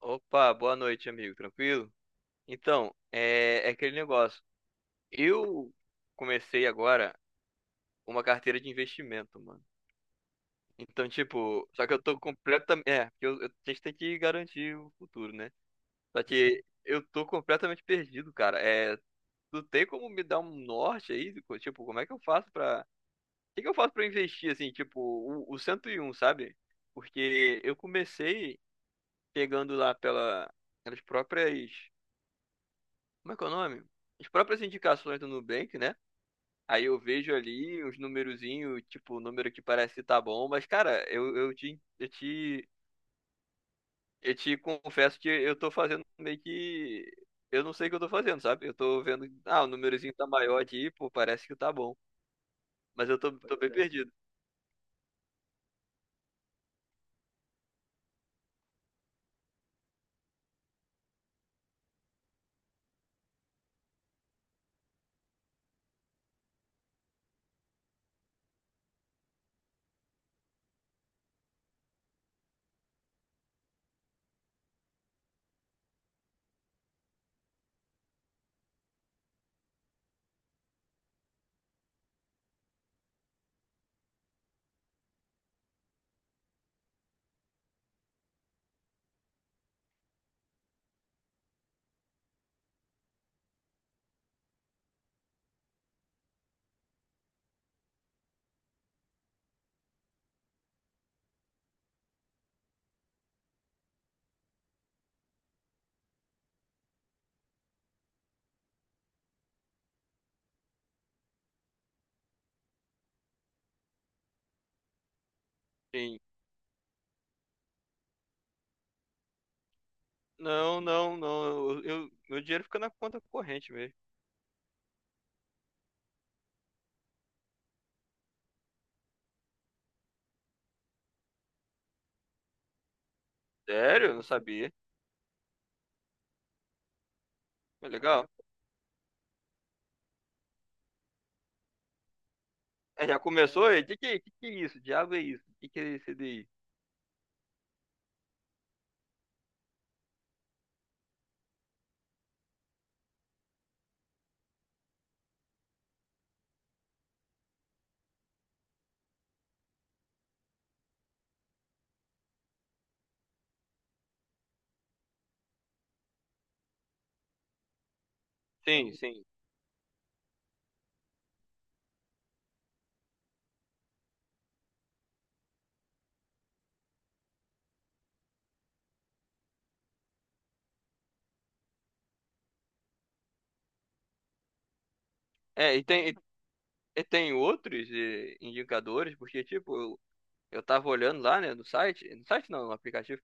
Opa, boa noite, amigo. Tranquilo? Então, é aquele negócio. Eu comecei agora uma carteira de investimento, mano. Então, tipo, só que eu tô completamente. Porque a gente tem que garantir o futuro, né? Só que eu tô completamente perdido, cara. É, tu tem como me dar um norte aí? Tipo, como é que eu faço pra. O que que eu faço pra investir, assim, tipo, o 101, sabe? Porque eu comecei pegando lá pela, pelas próprias. Como é que é o nome? As próprias indicações do Nubank, né? Aí eu vejo ali os numerozinhos, tipo, o número que parece que tá bom, mas, cara, eu te confesso que eu tô fazendo meio que. Eu não sei o que eu tô fazendo, sabe? Eu tô vendo, ah, o númerozinho tá maior aqui, pô, parece que tá bom. Mas eu tô bem perdido. Sim. Não, não, não. Meu dinheiro fica na conta corrente mesmo. Sério? Eu não sabia. Mas legal. É, já começou aí? O que que é isso? Diabo é isso? O que é esse daí? Sim, sim. É, e tem outros indicadores, porque, tipo, eu tava olhando lá, né, no site, no site não, no aplicativo,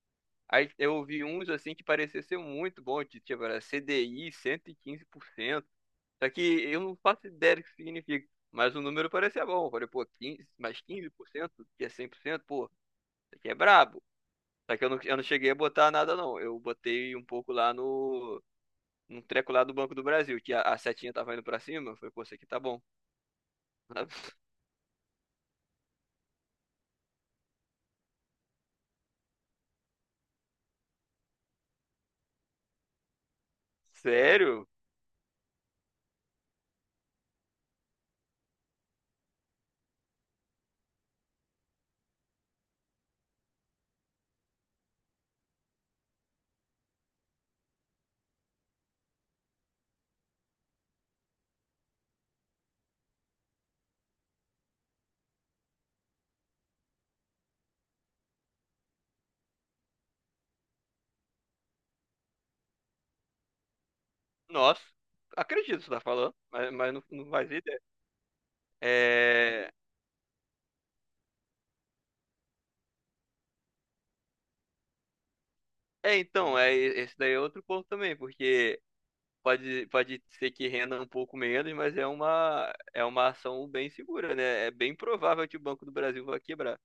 aí eu vi uns, assim, que parecia ser muito bom, que, tipo, era CDI 115%, só que eu não faço ideia do que significa, mas o número parecia bom, eu falei, pô, 15 mais 15% que é 100%, pô, isso aqui é brabo, só que eu não cheguei a botar nada, não, eu botei um pouco lá no... Num treco lá do Banco do Brasil, que a setinha tava indo pra cima, eu falei, pô, isso aqui tá bom. Sabe? Sério? Nossa, acredito que você tá falando, mas não, não faz ideia. É, então, esse daí é outro ponto também, porque pode ser que renda um pouco menos, mas é uma ação bem segura, né? É bem provável que o Banco do Brasil vá quebrar.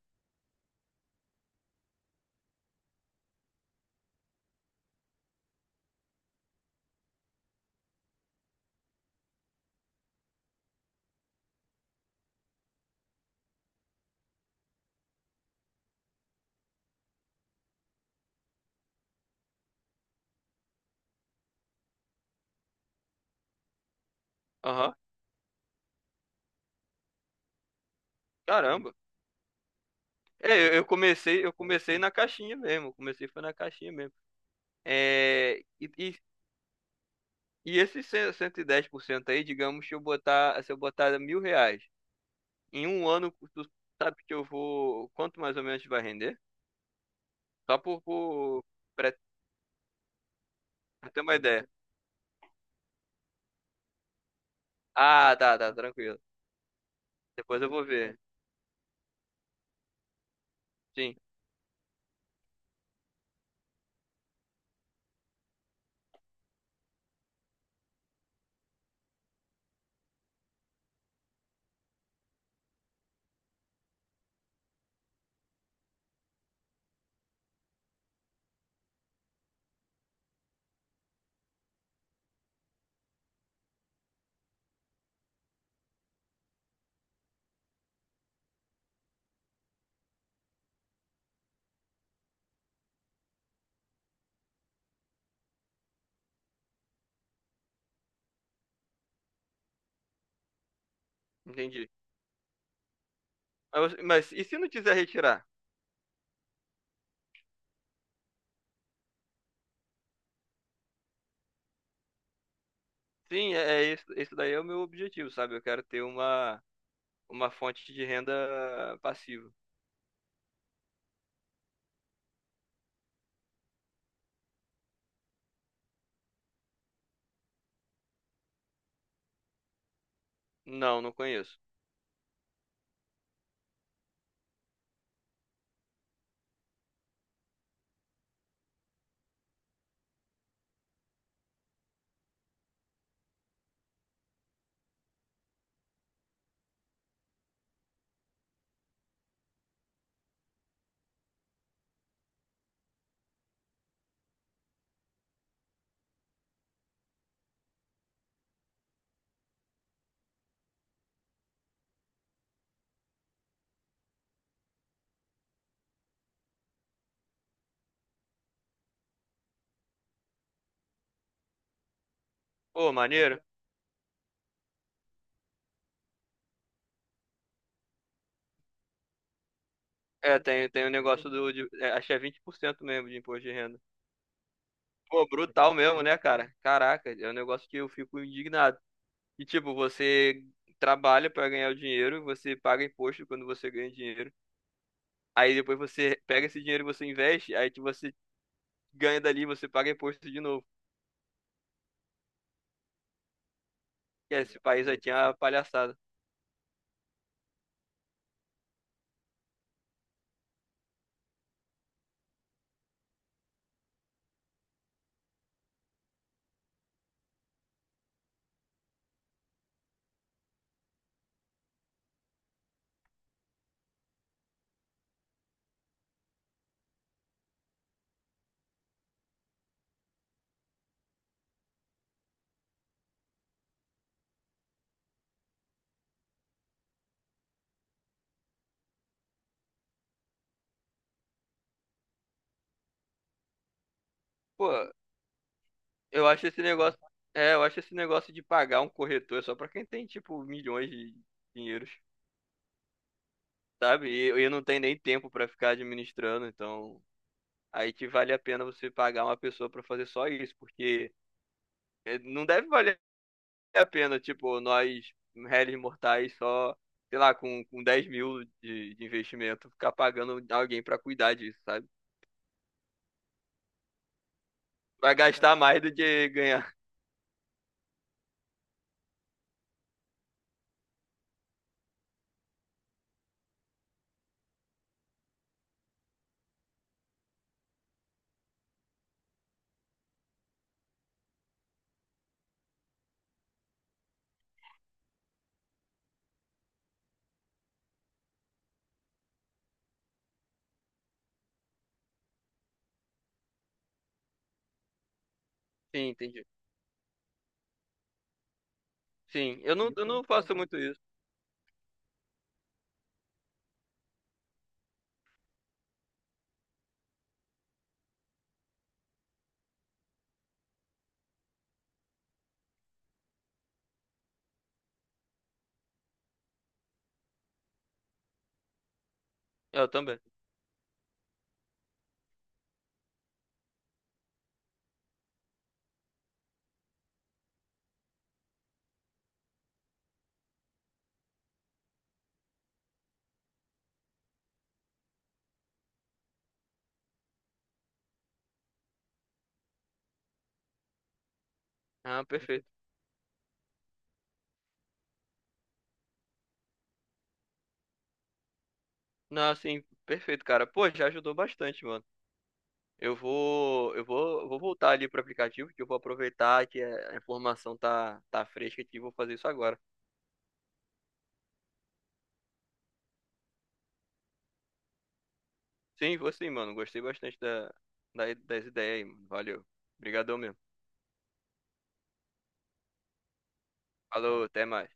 Aham, caramba. Eu comecei na caixinha mesmo, eu comecei foi na caixinha mesmo. É, e, e, e esses 110% aí, digamos, se eu botar R$ 1.000. Em um ano, tu sabe que eu vou. Quanto mais ou menos vai render? Só pra pra ter uma ideia. Ah, tá, tá, tranquilo. Depois eu vou ver. Sim, entendi. Mas e se não quiser retirar? Sim, é isso. Isso daí é o meu objetivo, sabe? Eu quero ter uma fonte de renda passiva. Não, não conheço. Pô, maneiro. Tem um negócio do. Acho que é 20% mesmo de imposto de renda. Pô, brutal mesmo, né, cara? Caraca, é um negócio que eu fico indignado. E tipo, você trabalha para ganhar o dinheiro, você paga imposto quando você ganha dinheiro. Aí depois você pega esse dinheiro e você investe, aí que você ganha dali, você paga imposto de novo. E esse país aí tinha uma palhaçada. Pô, eu acho esse negócio, eu acho esse negócio de pagar um corretor só pra quem tem tipo milhões de dinheiros, sabe? E eu não tenho nem tempo pra ficar administrando, então aí que vale a pena você pagar uma pessoa pra fazer só isso, porque não deve valer a pena, tipo, nós, réis mortais, só, sei lá, com 10.000 de investimento, ficar pagando alguém pra cuidar disso, sabe? Vai gastar mais do que ganhar. Sim, entendi. Sim, eu não faço muito isso. Eu também. Ah, perfeito. Não, assim, perfeito, cara. Pô, já ajudou bastante, mano. Eu vou voltar ali pro aplicativo, que eu vou aproveitar que a informação tá fresca aqui e vou fazer isso agora. Sim, vou sim, mano. Gostei bastante da, das ideias aí, mano. Valeu. Obrigadão mesmo. Falou, até mais.